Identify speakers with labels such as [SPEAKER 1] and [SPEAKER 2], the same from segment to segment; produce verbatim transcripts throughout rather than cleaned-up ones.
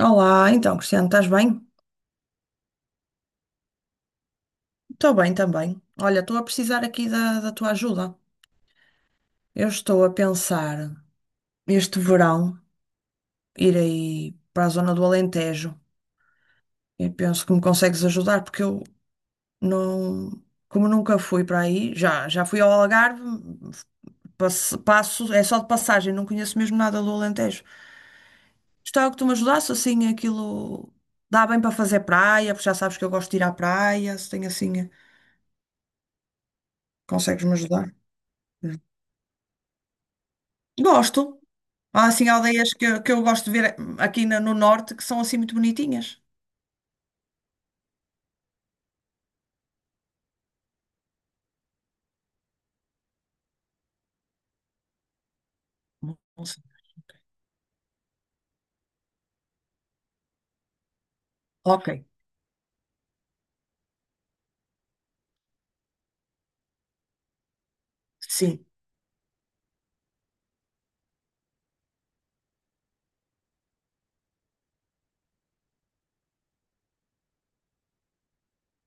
[SPEAKER 1] Olá, então, Cristiano, estás bem? Estou bem também. Olha, estou a precisar aqui da, da tua ajuda. Eu estou a pensar este verão ir aí para a zona do Alentejo e penso que me consegues ajudar porque eu não, como nunca fui para aí, já, já fui ao Algarve, passo, passo- é só de passagem, não conheço mesmo nada do Alentejo. Gostava que tu me ajudasse assim, aquilo dá bem para fazer praia, porque já sabes que eu gosto de ir à praia, se tem assim, consegues me ajudar? Gosto. Há assim aldeias que, eu- que eu gosto de ver aqui na- no norte que são assim muito bonitinhas. Não sei. Ok, sim,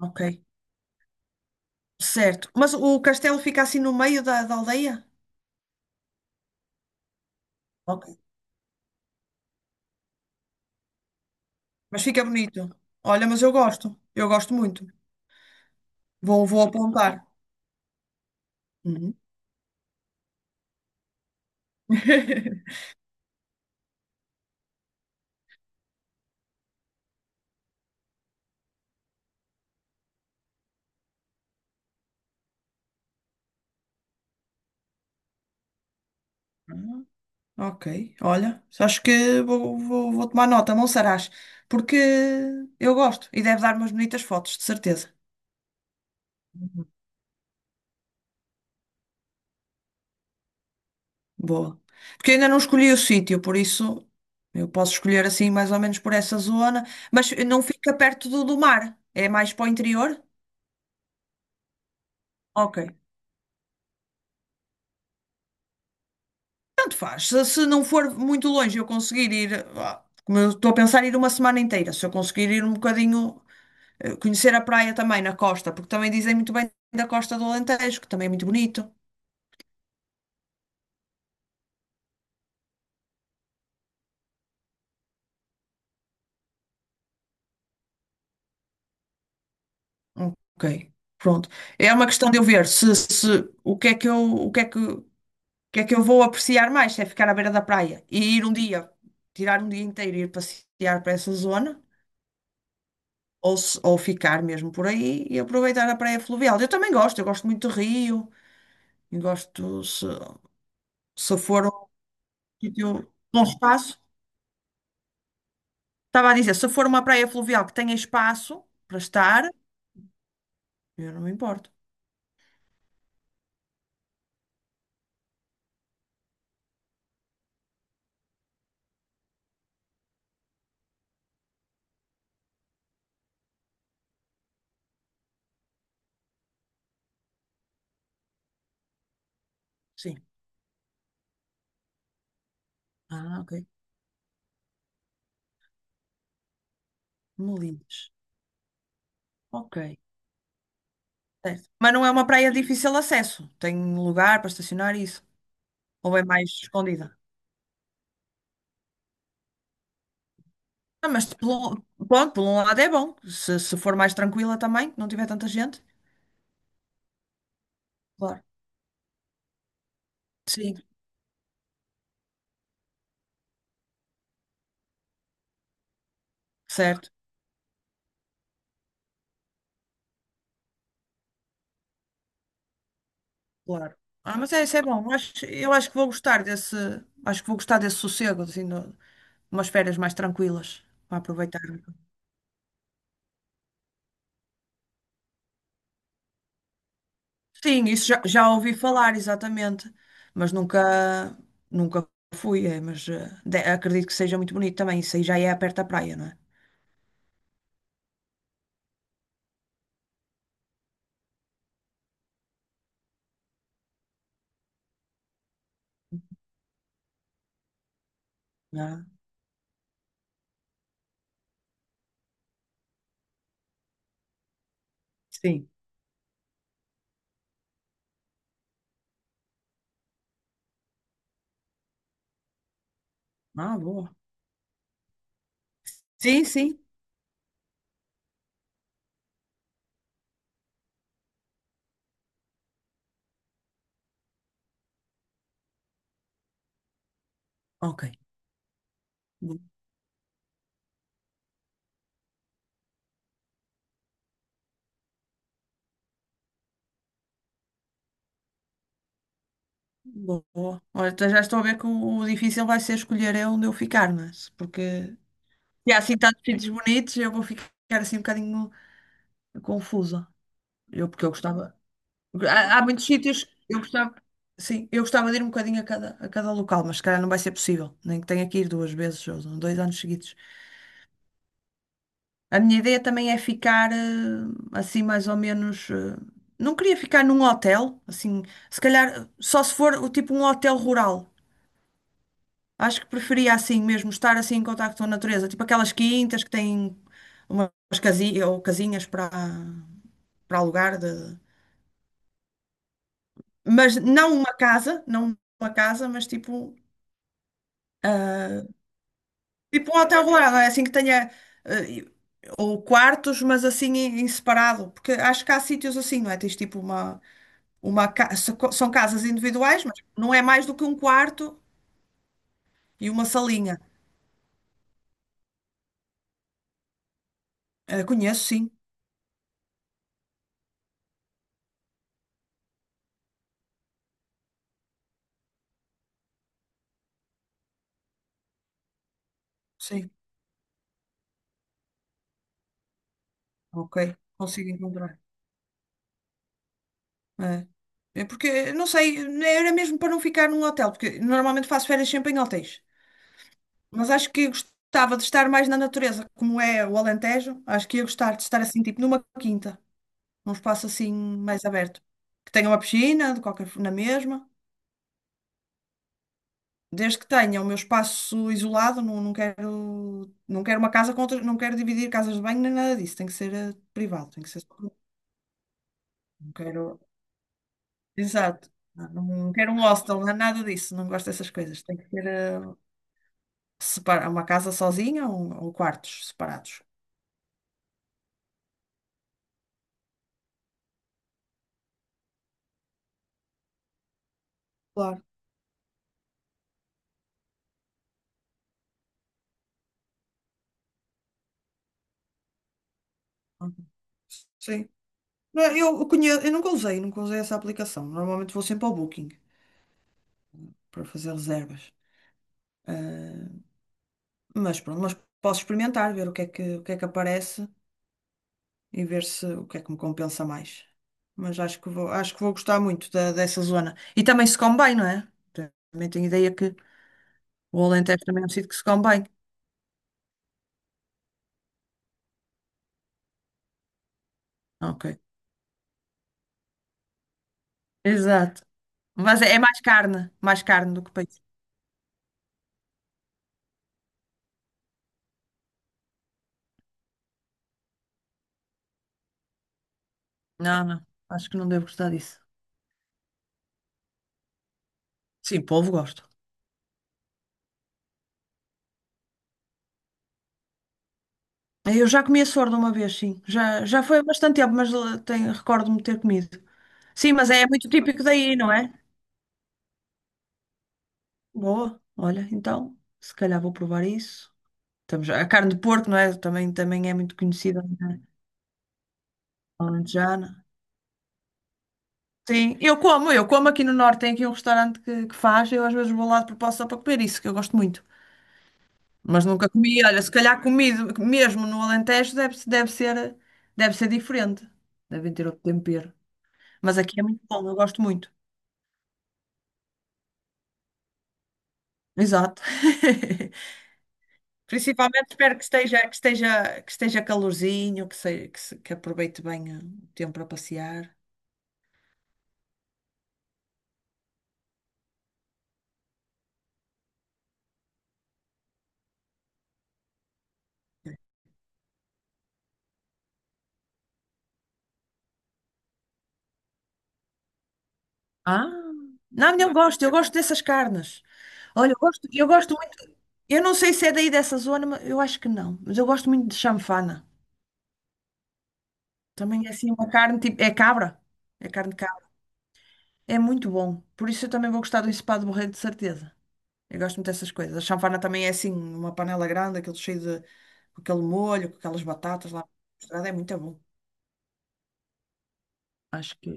[SPEAKER 1] ok. Certo. Mas o castelo fica assim no meio da, da aldeia? Ok. Mas fica bonito. Olha, mas eu gosto. Eu gosto muito. Vou, vou apontar. Uhum. Ok, olha. Acho que vou, vou, vou tomar nota, Monsaraz, porque eu gosto e deve dar umas bonitas fotos, de certeza. Boa. Porque eu ainda não escolhi o sítio, por isso eu posso escolher assim mais ou menos por essa zona, mas não fica perto do, do mar, é mais para o interior? Ok. Tanto faz. Se, se não for muito longe, eu conseguir ir, ah, como eu estou a pensar ir uma semana inteira, se eu conseguir ir um bocadinho, eh, conhecer a praia também na costa, porque também dizem muito bem da costa do Alentejo, que também é muito bonito. Ok. Pronto. É uma questão de eu ver se, se o que é que eu, o que é que que é que eu vou apreciar mais? Se é ficar à beira da praia e ir um dia, tirar um dia inteiro e ir passear para essa zona, ou, se- ou ficar mesmo por aí e aproveitar a praia fluvial. Eu também gosto, eu gosto muito de rio, e gosto, se, se for um sítio com espaço, estava a dizer, se for uma praia fluvial que tenha espaço para estar, eu não me importo. Sim. Ah, ok. Molinos. Ok. Certo. Mas não é uma praia de difícil acesso. Tem lugar para estacionar e isso. Ou é mais escondida? Ah, mas pelo, pronto, por um lado é bom. Se, se for mais tranquila também, não tiver tanta gente. Claro. Sim, certo. Claro. Ah, mas é, isso é bom. Eu acho, eu acho que vou gostar desse. Acho que vou gostar desse sossego, assim, de umas férias mais tranquilas para aproveitar. Sim, isso já, já ouvi falar, exatamente. Mas nunca, nunca fui, é, mas eh, de- acredito que seja muito bonito também. Isso aí já é perto da praia, não é? Sim. Ah, boa. Sim, sim. Ok. Boa. Boa. Olha, então já estou a ver que o difícil vai ser escolher é onde eu ficar, mas porque se há assim tantos sítios bonitos, eu vou ficar assim um bocadinho confusa. Eu, porque eu gostava. Há, há muitos sítios, eu gostava. Sim, eu gostava de ir um bocadinho a cada, a cada local, mas se calhar não vai ser possível. Nem que tenha que ir duas vezes ou dois anos seguidos. A minha ideia também é ficar eh, assim mais ou menos. eh, Não queria ficar num hotel, assim, se calhar eh, só se for o tipo um hotel rural. Acho que preferia assim mesmo estar assim em contacto com a natureza, tipo aquelas quintas que têm umas casinhas ou casinhas para para alugar de... Mas não uma casa, não uma casa, mas tipo tipo um hotel rural, não é assim que tenha eh, ou quartos, mas assim em, em separado, porque acho que há sítios assim, não é? Tens tipo uma Uma ca- so- São casas individuais, mas não é mais do que um quarto e uma salinha. Eh, conheço, sim, sim, ok, consigo encontrar. É. É porque, não sei, era mesmo para não ficar num hotel, porque normalmente faço férias sempre em hotéis. Mas acho que gostava de estar mais na natureza, como é o Alentejo. Acho que ia gostar de estar assim, tipo numa quinta, num espaço assim mais aberto. Que tenha uma piscina, de qualquer, na mesma. Desde que tenha o meu espaço isolado, não, não quero, não quero uma casa com outras, não quero dividir casas de banho nem nada disso. Tem que ser eh, privado, tem que ser só para mim. Não quero, exato. Não, não quero um hostel, não é nada disso. Não gosto dessas coisas. Tem que ser eh, separa- uma casa sozinha ou, ou quartos separados. Claro. Uhum. Sim. Não, Eu eu conheço, eu nunca usei, nunca usei essa aplicação. Normalmente vou sempre ao Booking para fazer reservas. Eh, Mas pronto, mas posso experimentar, ver o que é que, o que é que aparece. E ver se o que é que me compensa mais. Mas acho que vou, acho que vou gostar muito da- dessa zona. E também se come bem, não é? Também tenho ideia que o Alentejo também é um sítio que se come bem. Ok. Exato. Mas é, é mais carne, mais carne do que peixe. Não, não. Acho que não devo gostar disso. Sim, polvo gosto. Eu já comi a sorda uma vez, sim. Já, já foi há bastante tempo, mas eh, tenho- recordo-me de ter comido. Sim, mas é muito típico daí, não é? Boa. Olha, então, se calhar vou provar isso. Estamos, a carne de porco, não é? Também, também é muito conhecida, não é? Alentejana. Sim, eu como, eu como aqui no Norte, tem aqui um restaurante que, que faz, eu às vezes vou lá de propósito só para comer isso, que eu gosto muito. Mas nunca comi, olha, se calhar comido mesmo no Alentejo deve, deve ser, deve ser diferente. Devem ter outro tempero. Mas aqui é muito bom, eu gosto muito. Exato. Principalmente espero que esteja, que esteja, que esteja calorzinho, que, se, que, se- que aproveite bem eh, o tempo para passear. Ah, não, eu gosto, eu gosto dessas carnes. Olha, eu gosto, eu gosto muito. Eu não sei se é daí dessa zona, mas eu acho que não. Mas eu gosto muito de chanfana. Também é assim uma carne tipo. É cabra. É carne de cabra. É muito bom. Por isso eu também vou gostar do ensopado de borrego, de certeza. Eu gosto muito dessas coisas. A chanfana também é assim, uma panela grande, aquele cheio de com aquele molho, com aquelas batatas lá misturadas, é muito bom. Acho que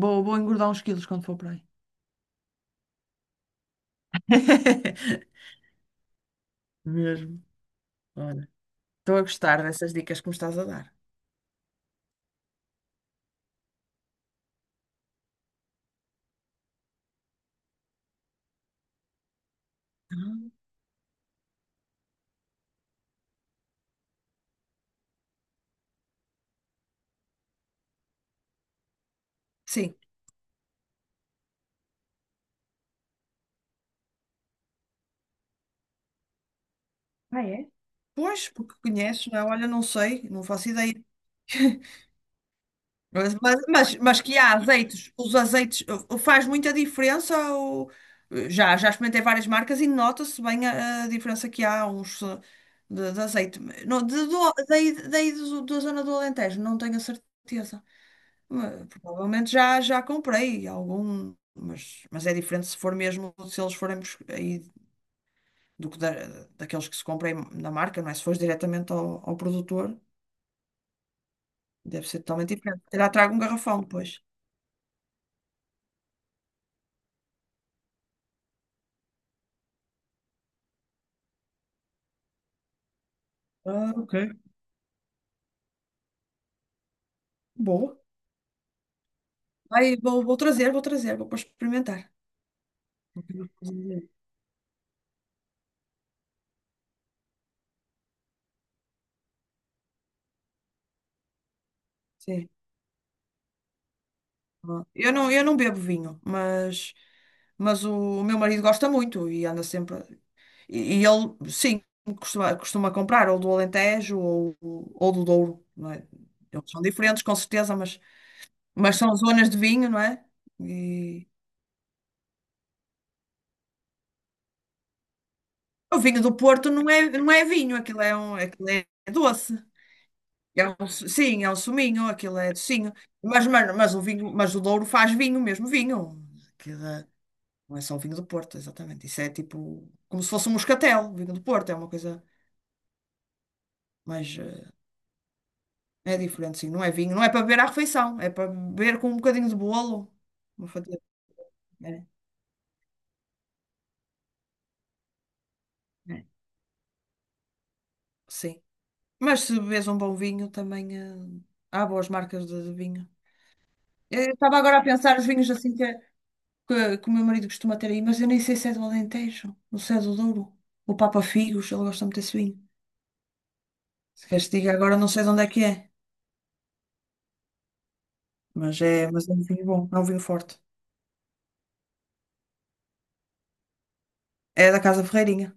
[SPEAKER 1] vou, vou engordar uns quilos quando for para aí. Mesmo. Olha, estou a gostar dessas dicas que me estás a dar. Ah. Sim. Ah, é? Pois, porque conheces, não é? Olha, não sei, não faço ideia. Mas, mas, mas, mas que há azeites, os azeites uh, faz muita diferença. Ou, eh, já, já experimentei várias marcas e nota-se bem a, a diferença que há uns uh, de, de azeite. Não, de, do, daí, daí do- da zona do Alentejo, não tenho a certeza. Mas, provavelmente já, já comprei algum, mas, mas é diferente se for mesmo, se eles forem bus- aí do que da, daqueles que se comprem na marca, não é? Se fores diretamente ao, ao produtor, deve ser totalmente diferente. Terá trago um garrafão depois. Ah, ok. Boa. Aí vou, vou trazer, vou trazer, vou para experimentar. Sim. Sim. Eu não, eu não bebo vinho, mas, mas o, meu marido gosta muito e anda sempre. E, e ele, sim, costuma, costuma comprar ou do Alentejo ou, ou do Douro, não é? Eles são diferentes, com certeza, mas, mas são zonas de vinho, não é? E o vinho do Porto não é, não é vinho, aquilo é, um, aquilo é doce. É um, su- sim, é um suminho, aquilo é docinho. Mas, mas, mas o vinho, mas o Douro faz vinho, mesmo vinho. Aquilo é- não é só o vinho do Porto, exatamente. Isso é tipo, como se fosse um moscatel, o vinho do Porto, é uma coisa, mas eh, é diferente, sim. Não é vinho, não é para beber à refeição, é para beber com um bocadinho de bolo. Uma fatia. É, é, sim. Mas se bebes um bom vinho, também eh, há boas marcas de, de vinho. Eu estava agora a pensar os vinhos assim que é que, que o meu marido costuma ter aí, mas eu nem sei se é do Alentejo, ou se é do Douro. O Papa Figos, ele gosta muito desse vinho. Se queres que diga agora, não sei de onde é que é, mas é, mas é um vinho bom, é um vinho forte. É da Casa Ferreirinha,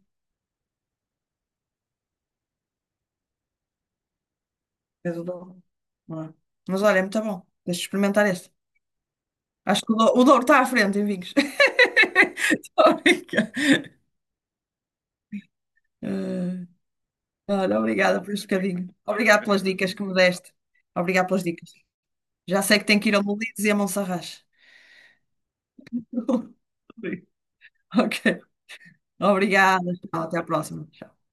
[SPEAKER 1] é do Douro, não é? Mas olha, é muito bom. Deixa eu experimentar este. Acho que o Douro, o Douro está à frente em vinhos. Estou a brincar. Eh, Olha, obrigada por este bocadinho. Obrigada pelas dicas que me deste. Obrigada pelas dicas. Já sei que tenho que ir a Molinos e a Monserrate. Ok. Obrigada, tchau, até a próxima. Tchau.